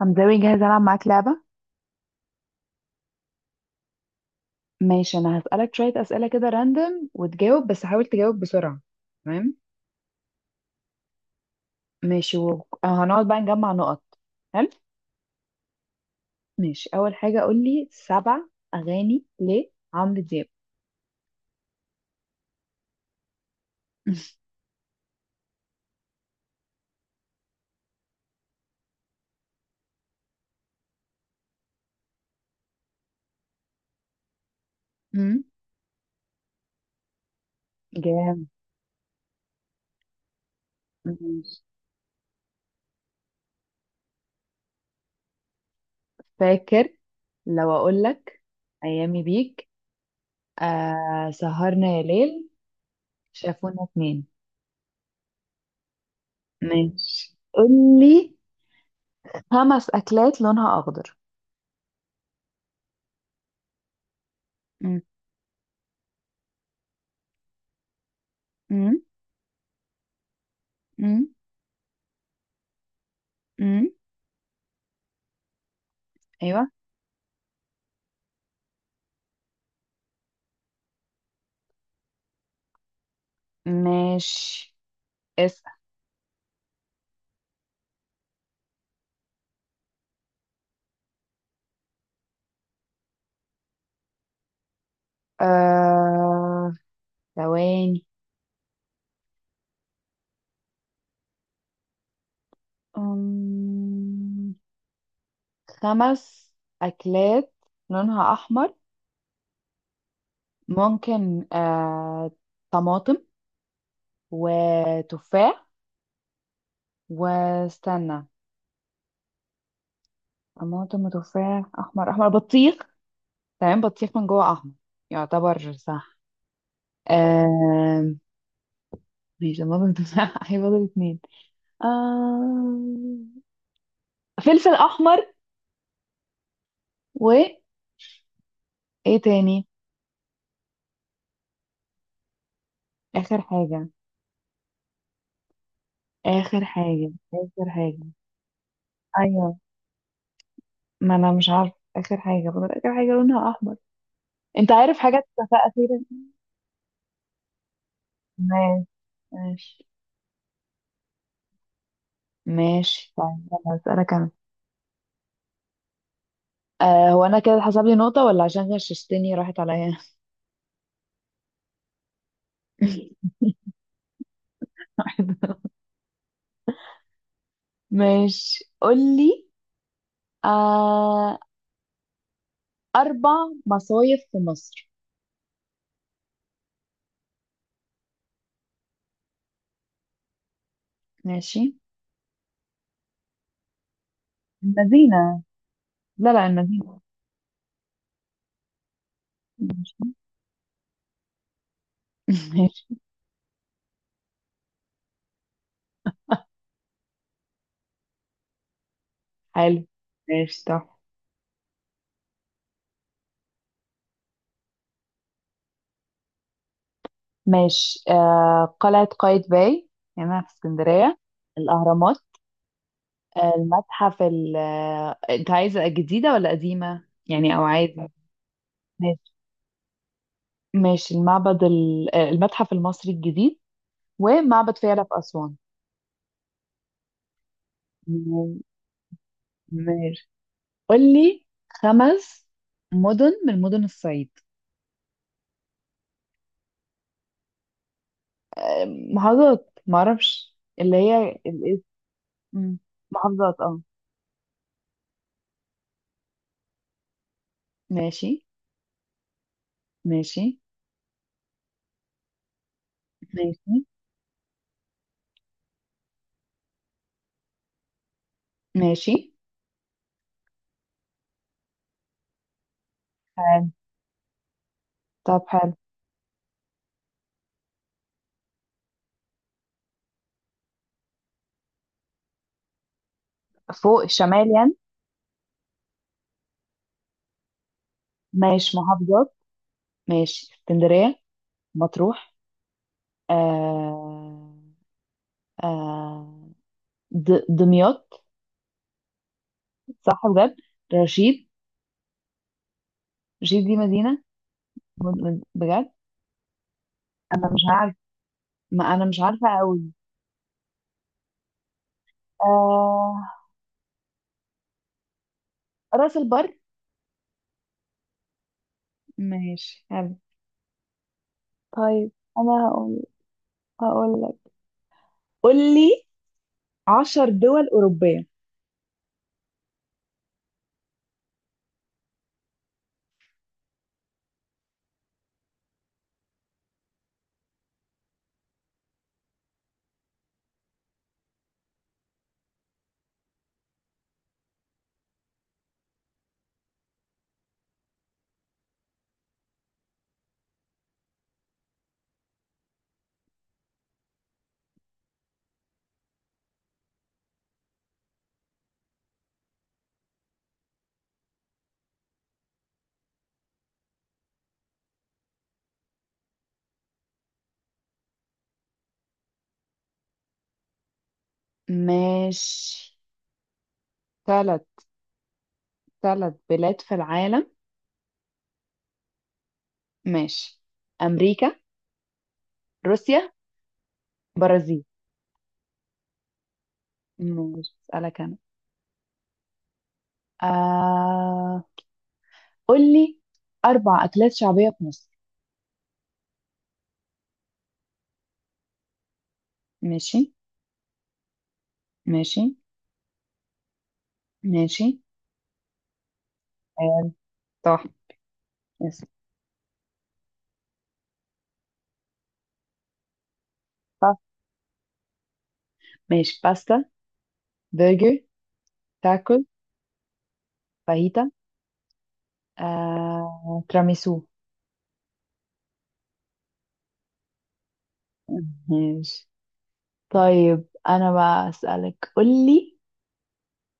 حمزاوي، جاهز ألعب معاك لعبة. ماشي، أنا هسألك شوية أسئلة كده راندم وتجاوب، بس حاول تجاوب بسرعة. تمام. ماشي، وهنقعد بقى نجمع نقط. حلو. ماشي، أول حاجة قولي سبع أغاني لعمرو دياب. مم. جامد. ماشي. فاكر. لو أقولك أيامي بيك، سهرنا يا ليل، شافونا اتنين. ماشي، قولي خمس أكلات لونها أخضر. مم. مم. مم. مم. أيوة. ماشي، اسأل. آه... ثواني. أم... خمس أكلات لونها أحمر. ممكن طماطم وتفاح، واستنى، طماطم وتفاح أحمر، أحمر، بطيخ. تمام، بطيخ من جوه أحمر، يعتبر صح. آه... ماشي، طماطم وتفاح، هيفضل اتنين. آه... فلفل أحمر، و... إيه تاني؟ آخر حاجة اخر حاجة اخر حاجة ايوه، ما انا مش عارفة اخر حاجة، فضل اخر حاجة لونها احمر. انت عارف حاجات اتفاق اخيرا. ماشي، ماشي. ماشي، طيب يلا هسألك انا. هو انا كده حسب لي نقطة ولا عشان غششتني راحت عليا؟ ماشي، قولي. آه اربع مصايف في مصر. ماشي، المدينة. لا، لا، المدينة. ماشي. ماشي، حلو. ماشي، طب. ماشي، قلعة قايتباي هنا في اسكندرية. الأهرامات. المتحف ال، أنت عايزة جديدة ولا قديمة؟ يعني أو عادي. ماشي، ماشي. المعبد ال... آه، المتحف المصري الجديد، ومعبد فيلة في أسوان. م- ماشي، قولي خمس مدن من مدن الصعيد. آه، محافظات، معرفش اللي هي الاسم. مم. محافظات، اه. ماشي. ماشي. ماشي. ماشي، حلو. طب، حلو. فوق الشمال يعني. ماشي، محافظات. ماشي، اسكندرية. مطروح. آه آه دمياط. صح، بجد. رشيد. رشيد دي مدينة. بجد. أنا مش عارف. ما أنا مش عارفة أوي. آه راس البر. ماشي، حلو. طيب أنا هقول لك، قول لي 10 دول أوروبية. ماشي، ثلاث ثلاث بلاد في العالم. ماشي. أمريكا، روسيا، برازيل. مش بسألك أنا؟ آه... قول لي أربع أكلات شعبية في مصر. ماشي. ماشي. ماشي. آه... صح. يس. صح. ماشي، باستا، برجر، تاكل، فاهيتا، تراميسو. ماشي. طيب أنا بقى أسألك، قول لي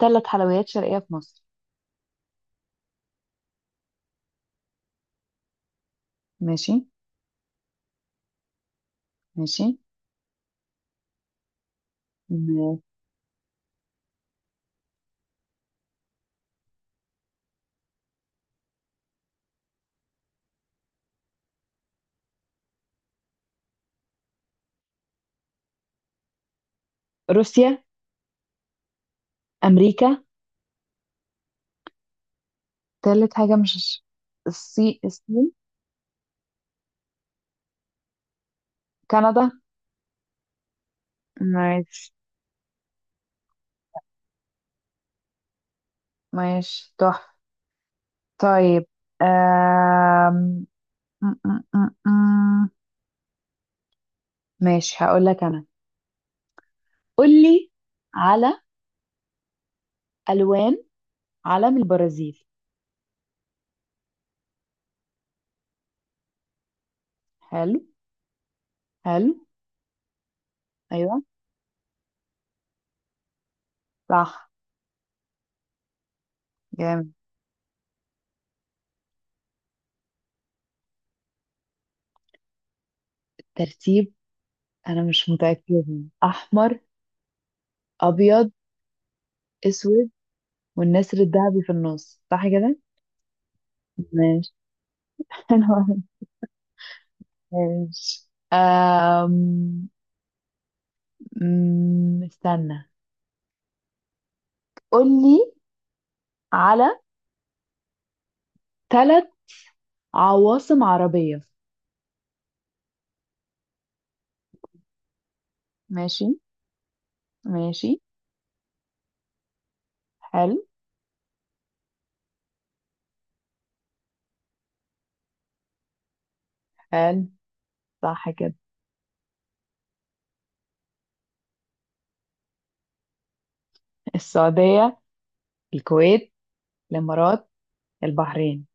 ثلاث حلويات شرقية في مصر. ماشي، ماشي. م- روسيا، أمريكا. ثالث حاجة، مش... الصين، الصين. كندا. ماشي، ماشي، تحفة. طيب. آم... م- م- م- م. ماشي، هقول لك انا، قول لي على الوان علم البرازيل. حلو. حلو. ايوه، صح. جامد. ترتيب؟ انا مش متأكدة. احمر، ابيض، اسود، والنسر الذهبي في النص، صح كده؟ ماشي. ماشي. استنى، قول لي على ثلاث عواصم عربية. ماشي، ماشي. حلو. حلو. صح كده. السعودية، الكويت، الإمارات، البحرين.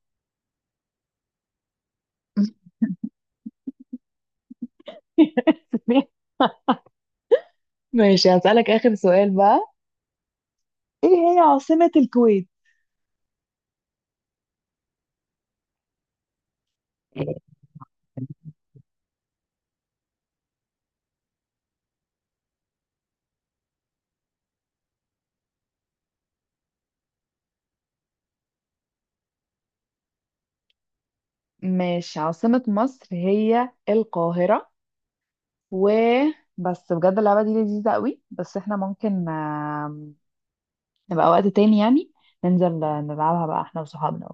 ماشي، هسألك آخر سؤال بقى. إيه هي عاصمة الكويت؟ ماشي، عاصمة مصر هي القاهرة. و... بس بجد، اللعبة دي لذيذة قوي، بس احنا ممكن نبقى وقت تاني يعني، ننزل نلعبها بقى احنا وصحابنا.